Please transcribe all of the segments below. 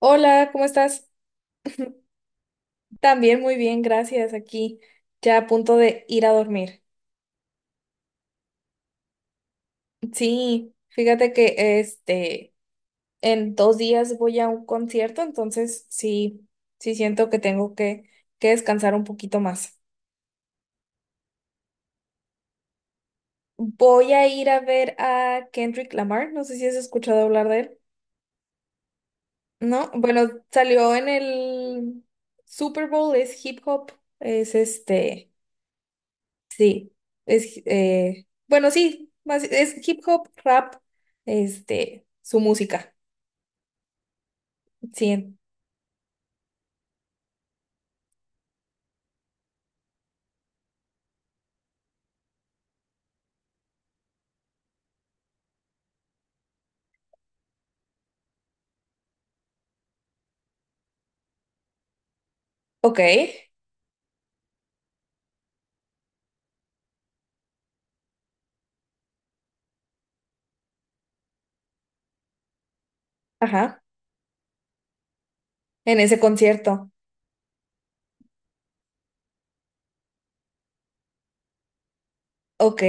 Hola, ¿cómo estás? También muy bien, gracias. Aquí ya a punto de ir a dormir. Sí, fíjate que este en 2 días voy a un concierto, entonces sí, sí siento que tengo que descansar un poquito más. Voy a ir a ver a Kendrick Lamar, no sé si has escuchado hablar de él. No, bueno, salió en el Super Bowl, es hip hop, es este. Sí, es, bueno, sí, más, es hip hop, rap, su música, sí, ok, ajá, en ese concierto, ok,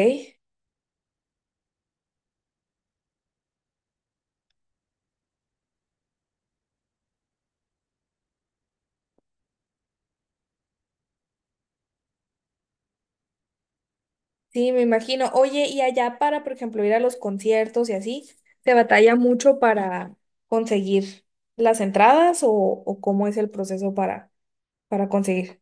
sí, me imagino, oye, y allá para, por ejemplo, ir a los conciertos y así, ¿te batalla mucho para conseguir las entradas o cómo es el proceso para conseguir?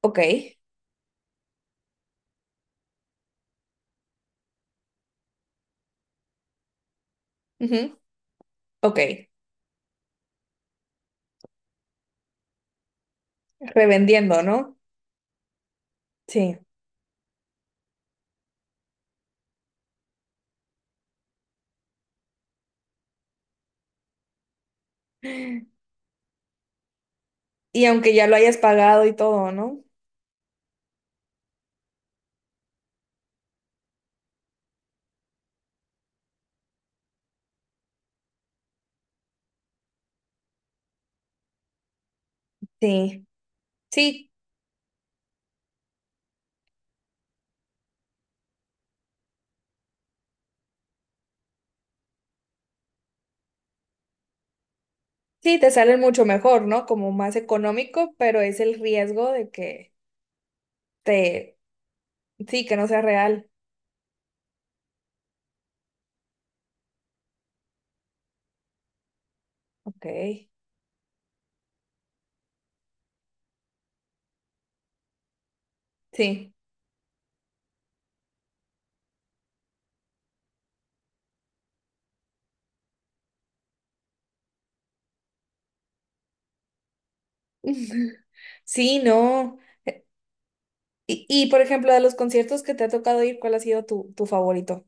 Ok, ujú, ok, revendiendo, ¿no? Sí, y aunque ya lo hayas pagado y todo, ¿no? Sí. Sí, sí, te sale mucho mejor, ¿no? Como más económico, pero es el riesgo de que te, sí, que no sea real. Ok, sí. Sí, no. Y por ejemplo, de los conciertos que te ha tocado ir, ¿cuál ha sido tu favorito?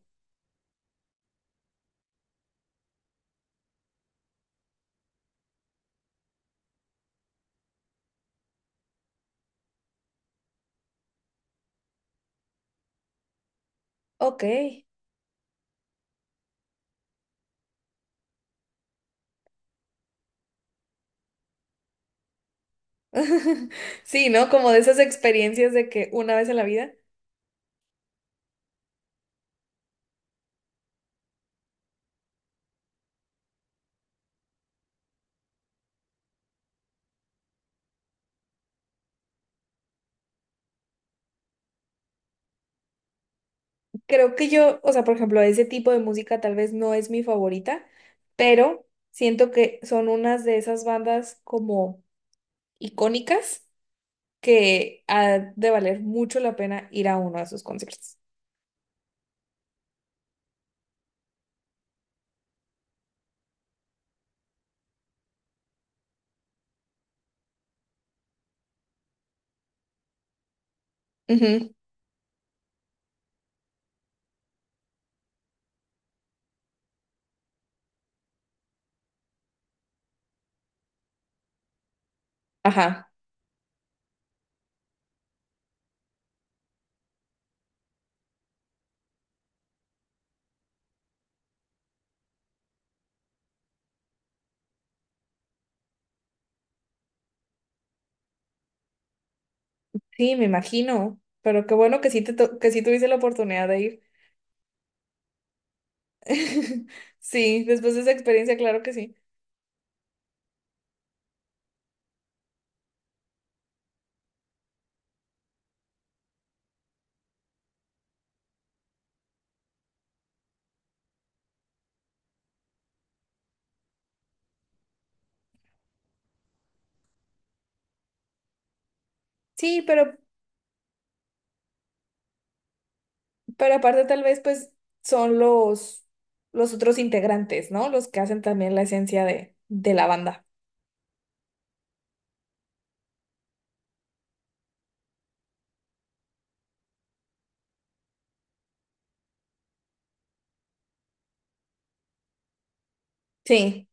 Ok. Sí, ¿no? Como de esas experiencias de que una vez en la vida. Creo que yo, o sea, por ejemplo, ese tipo de música tal vez no es mi favorita, pero siento que son unas de esas bandas como icónicas que ha de valer mucho la pena ir a uno de sus conciertos. Ujú, ajá. Sí, me imagino. Pero qué bueno que que sí tuviste la oportunidad de ir. Sí, después de esa experiencia, claro que sí. Sí, pero aparte tal vez pues son los otros integrantes, ¿no? Los que hacen también la esencia de la banda. Sí,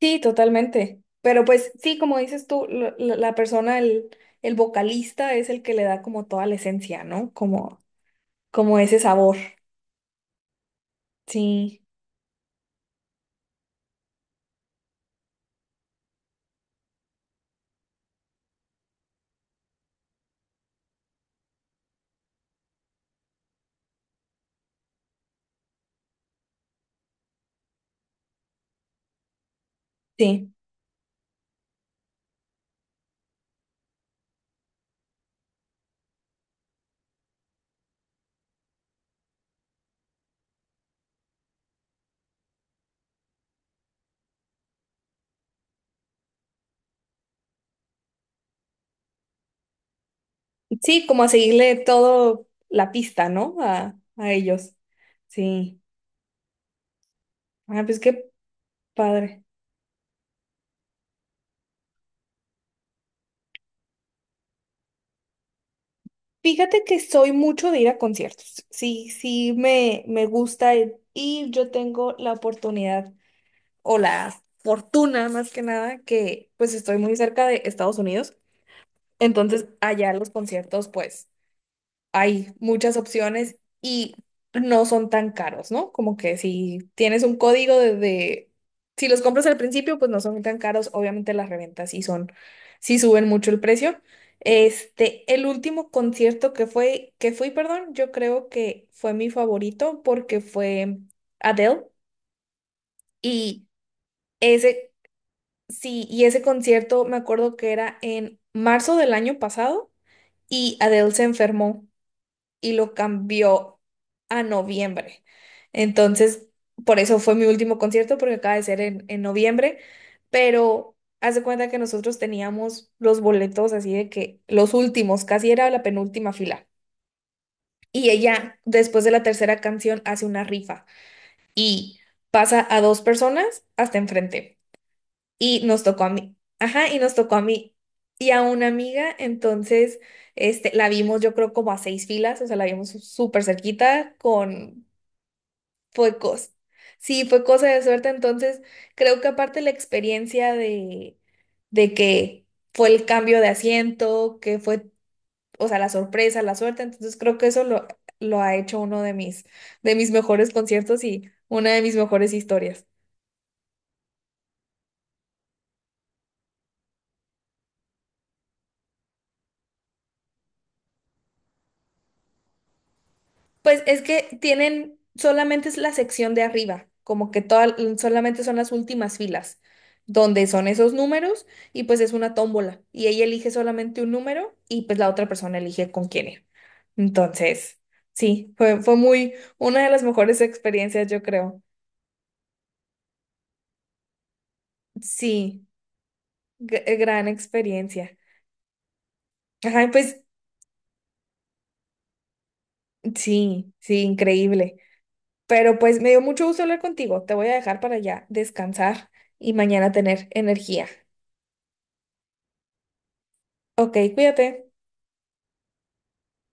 sí, totalmente. Pero pues sí, como dices tú, la persona, el vocalista es el que le da como toda la esencia, ¿no? Como como ese sabor. Sí, sí. Sí, como a seguirle todo la pista, ¿no? A ellos. Sí. Ah, pues qué padre. Fíjate que soy mucho de ir a conciertos. Sí, sí, me gusta ir y yo tengo la oportunidad o la fortuna más que nada que pues estoy muy cerca de Estados Unidos. Entonces allá los conciertos pues hay muchas opciones y no son tan caros, ¿no? Como que si tienes un código si los compras al principio, pues no son tan caros. Obviamente las reventas sí son, sí suben mucho el precio. El último concierto que fui, perdón, yo creo que fue mi favorito porque fue Adele y ese, sí, y ese concierto me acuerdo que era en marzo del año pasado y Adele se enfermó y lo cambió a noviembre. Entonces, por eso fue mi último concierto, porque acaba de ser en noviembre, pero haz de cuenta que nosotros teníamos los boletos así de que los últimos, casi era la penúltima fila. Y ella, después de la tercera canción, hace una rifa y pasa a dos personas hasta enfrente y nos tocó a mí. Ajá, y nos tocó a mí y a una amiga, entonces la vimos yo creo como a seis filas, o sea, la vimos súper cerquita con... Fue cosa. Sí, fue cosa de suerte, entonces creo que aparte la experiencia de que fue el cambio de asiento, que fue, o sea, la sorpresa, la suerte, entonces creo que eso lo ha hecho uno de mis mejores conciertos y una de mis mejores historias. Pues es que tienen, solamente es la sección de arriba, como que toda, solamente son las últimas filas, donde son esos números y pues es una tómbola y ella elige solamente un número y pues la otra persona elige con quién ir. Entonces, sí, fue, fue muy, una de las mejores experiencias, yo creo. Sí, gran experiencia. Ajá, pues sí, sí, increíble. Pero pues me dio mucho gusto hablar contigo. Te voy a dejar para ya descansar y mañana tener energía. Ok, cuídate.